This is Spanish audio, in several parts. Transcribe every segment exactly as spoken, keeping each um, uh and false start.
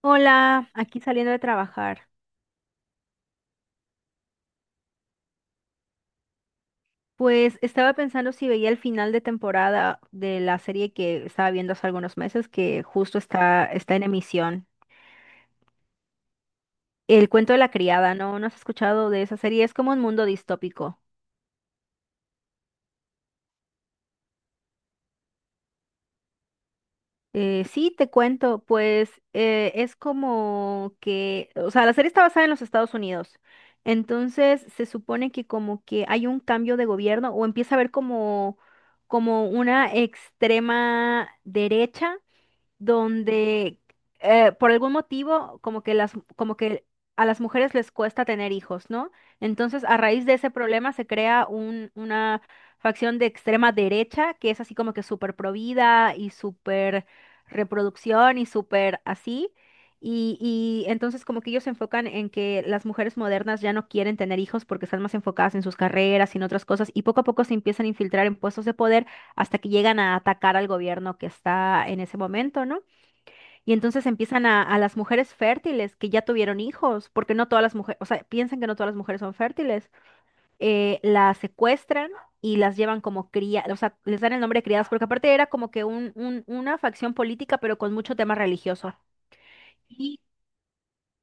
Hola, aquí saliendo de trabajar. Pues estaba pensando si veía el final de temporada de la serie que estaba viendo hace algunos meses, que justo está, está en emisión. El cuento de la criada, ¿no? ¿No has escuchado de esa serie? Es como un mundo distópico. Eh, sí, te cuento, pues eh, es como que, o sea, la serie está basada en los Estados Unidos. Entonces se supone que como que hay un cambio de gobierno o empieza a haber como, como una extrema derecha donde eh, por algún motivo como que las como que a las mujeres les cuesta tener hijos, ¿no? Entonces, a raíz de ese problema se crea un, una facción de extrema derecha que es así como que súper provida y súper reproducción y súper así. Y, y entonces como que ellos se enfocan en que las mujeres modernas ya no quieren tener hijos porque están más enfocadas en sus carreras y en otras cosas y poco a poco se empiezan a infiltrar en puestos de poder hasta que llegan a atacar al gobierno que está en ese momento, ¿no? Y entonces empiezan a, a las mujeres fértiles que ya tuvieron hijos, porque no todas las mujeres, o sea, piensan que no todas las mujeres son fértiles, eh, las secuestran y las llevan como cría, o sea, les dan el nombre de criadas, porque aparte era como que un, un- una facción política, pero con mucho tema religioso. Y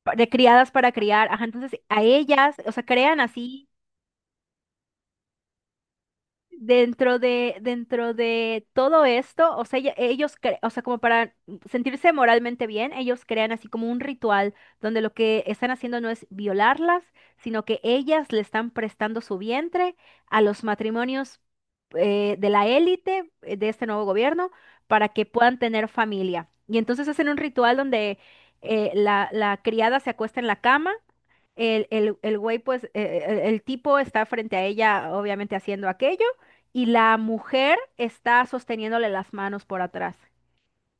pa- de criadas para criar, ajá, entonces a ellas, o sea, crean así. Dentro de, dentro de todo esto, o sea, ella- ellos, cre- o sea, como para sentirse moralmente bien, ellos crean así como un ritual donde lo que están haciendo no es violarlas, sino que ellas le están prestando su vientre a los matrimonios eh, de la élite, eh, de este nuevo gobierno para que puedan tener familia. Y entonces hacen un ritual donde eh, la, la criada se acuesta en la cama. El, el, el güey, pues, eh, el el tipo está frente a ella, obviamente haciendo aquello y la mujer está sosteniéndole las manos por atrás,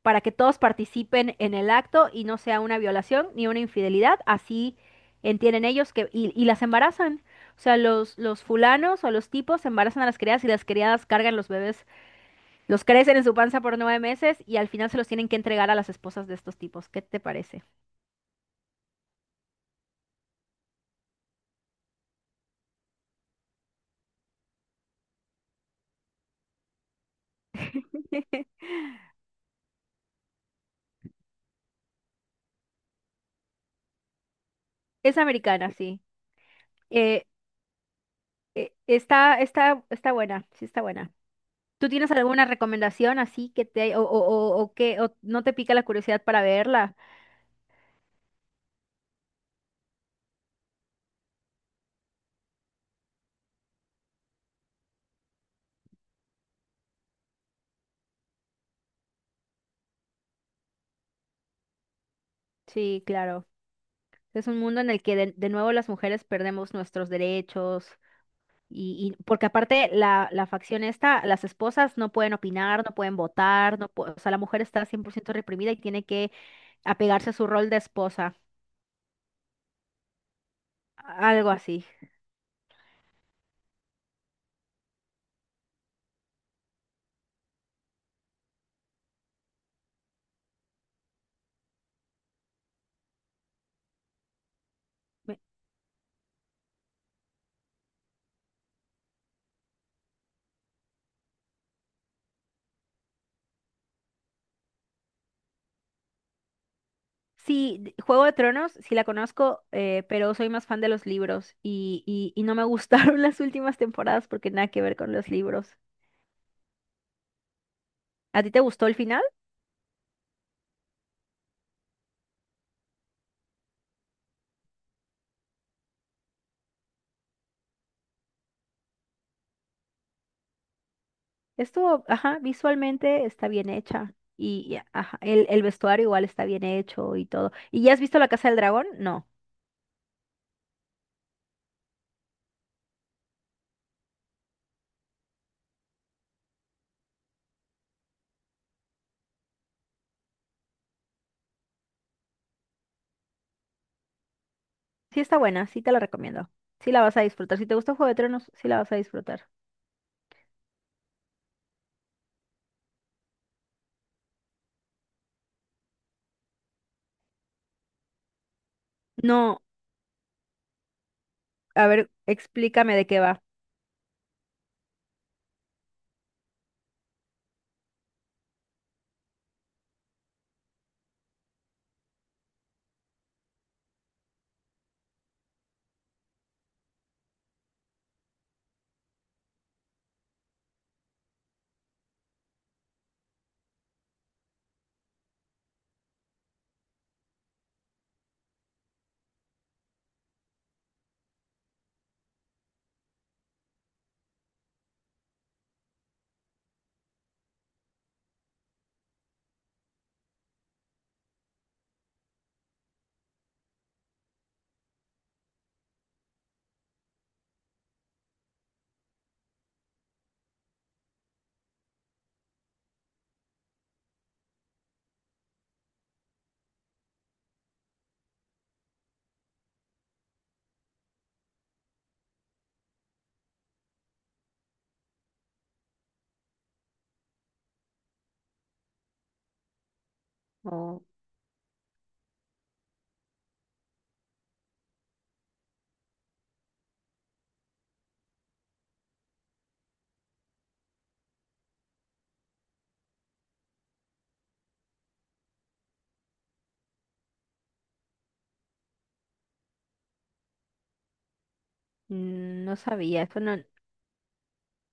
para que todos participen en el acto y no sea una violación ni una infidelidad, así entienden ellos que, y, y las embarazan. O sea, los, los fulanos o los tipos embarazan a las criadas y las criadas cargan los bebés, los crecen en su panza por nueve meses y al final se los tienen que entregar a las esposas de estos tipos. ¿Qué te parece? Es americana, sí. Eh, eh, está, está, está buena, sí está buena. ¿Tú tienes alguna recomendación así que te o, o, o, o que o no te pica la curiosidad para verla? Sí, claro. Es un mundo en el que de, de nuevo las mujeres perdemos nuestros derechos y, y- porque aparte la, la facción esta, las esposas no pueden opinar, no pueden votar, no pu- o sea, la mujer está cien por ciento reprimida y tiene que apegarse a su rol de esposa, algo así. Me- Sí, de- Juego de Tronos, sí la conozco, eh, pero soy más fan de los libros y, y, y no me gustaron las últimas temporadas porque nada que ver con los libros. ¿A ti te gustó el final? Esto, ajá, visualmente está bien hecha. Y, y, ajá, el, el vestuario igual está bien hecho y todo. ¿Y ya has visto La Casa del Dragón? No. Sí está buena, sí te la recomiendo. Sí la vas a disfrutar. Si te gusta Juego de Tronos, sí la vas a disfrutar. No, a ver, explícame de qué va. Oh, mm, no sabía, esto no.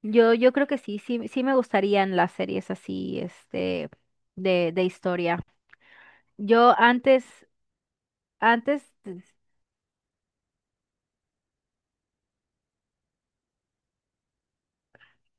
Yo, yo creo que sí, sí, sí me gustarían las series así, este, de, de historia. Yo antes, antes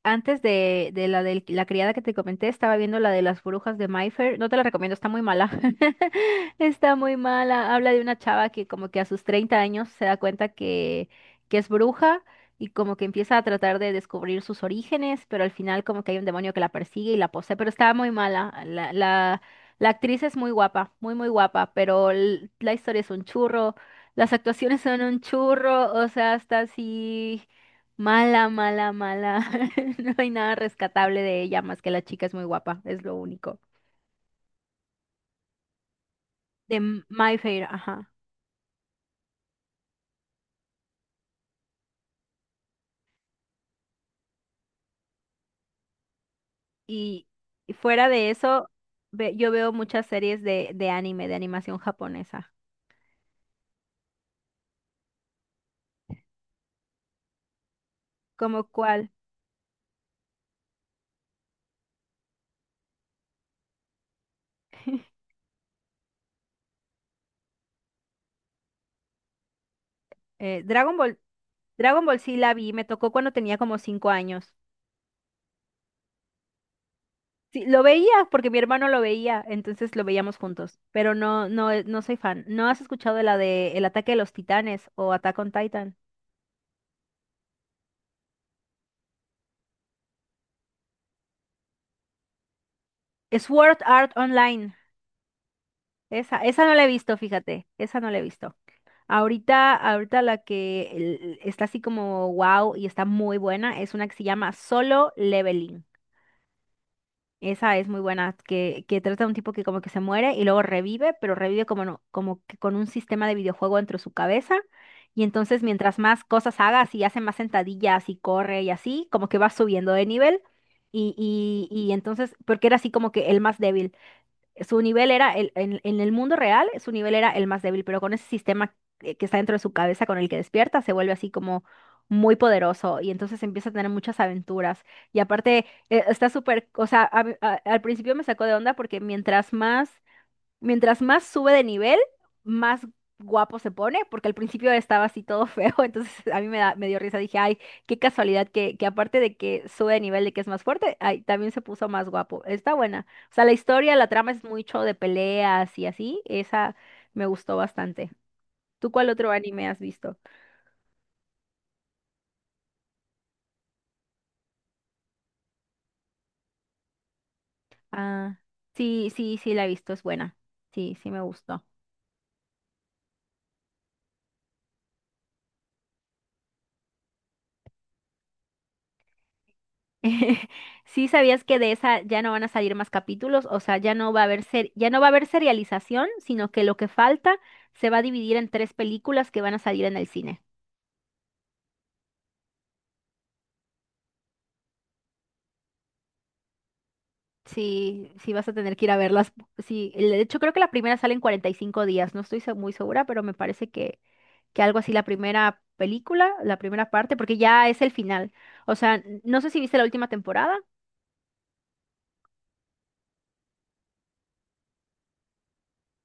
Antes de, de la de la criada que te comenté, estaba viendo la de las brujas de Mayfair. No te la recomiendo, está muy mala. Está muy mala. Habla de una chava que como que a sus treinta años se da cuenta que, que es bruja y como que empieza a tratar de descubrir sus orígenes, pero al final como que hay un demonio que la persigue y la posee, pero está muy mala. La, la, la actriz es muy guapa, muy, muy guapa, pero l- la historia es un churro. Las actuaciones son un churro, o sea, hasta así. Mala, mala, mala. No hay nada rescatable de ella más que la chica es muy guapa, es lo único. De M- My Fair, ajá. Y, y fuera de eso, ve- yo veo muchas series de, de anime, de animación japonesa. ¿Como cuál? Eh, Dragon Ball, Dragon Ball sí la vi, me tocó cuando tenía como cinco años. Sí, lo veía porque mi hermano lo veía, entonces lo veíamos juntos. Pero no, no, eh, no soy fan. ¿No has escuchado de la de El ataque de los titanes o Attack on Titan? Sword Art Online. Esa, esa no la he visto, fíjate, esa no la he visto. Ahorita, ahorita la que el- está así como wow y está muy buena es una que se llama Solo Leveling. Esa es muy buena, que, que trata de un tipo que como que se muere y luego revive, pero revive como, no- como que con un sistema de videojuego dentro de su cabeza. Y entonces mientras más cosas hagas y hace más sentadillas y corre y así, como que va subiendo de nivel. Y, y, y entonces, porque era así como que el más débil. Su nivel era, el- en, en el mundo real, su nivel era el más débil, pero con ese sistema que que está dentro de su cabeza con el que despierta, se vuelve así como muy poderoso y entonces empieza a tener muchas aventuras. Y aparte, eh, está súper, o sea, a mí- a- al principio me sacó de onda porque mientras más mientras más sube de nivel, más guapo se pone, porque al principio estaba así todo feo, entonces a mí me da, me dio risa, dije, ay, qué casualidad que, que aparte de que sube de nivel, de que es más fuerte, ay, también se puso más guapo. Está buena. O sea, la historia, la trama es mucho de peleas y así, esa me gustó bastante. ¿Tú cuál otro anime has visto? Ah, sí, sí, sí, la he visto, es buena. Sí, sí me gustó. ¿Sí sabías que de esa ya no van a salir más capítulos, o sea, ya no va a haber ser, ya no va a haber serialización, sino que lo que falta se va a dividir en tres películas que van a salir en el cine? Sí, sí vas a tener que ir a verlas. Sí, el- de hecho creo que la primera sale en cuarenta y cinco días, no estoy se- muy segura, pero me parece que que algo así la primera película, la primera parte, porque ya es el final. O sea, n- no sé si viste la última temporada,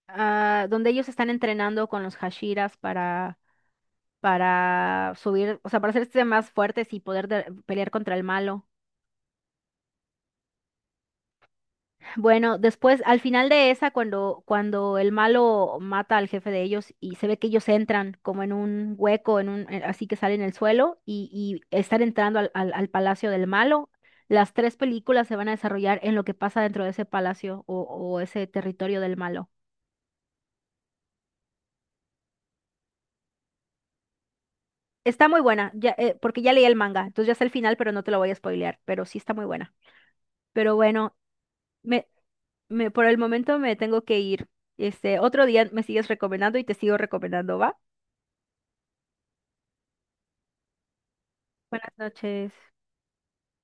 ah, donde ellos están entrenando con los Hashiras para para subir, o sea, para hacerse más fuertes y poder de- pelear contra el malo. Bueno, después, al final de esa, cuando, cuando el malo mata al jefe de ellos y se ve que ellos entran como en un hueco, en un, eh, así que salen el suelo y, y están entrando al, al, al palacio del malo, las tres películas se van a desarrollar en lo que pasa dentro de ese palacio o, o ese territorio del malo. Está muy buena, ya, eh, porque ya leí el manga, entonces ya sé el final, pero no te lo voy a spoilear, pero sí está muy buena. Pero bueno, me, me, por el momento me tengo que ir. Este, otro día me sigues recomendando y te sigo recomendando, ¿va? Buenas noches.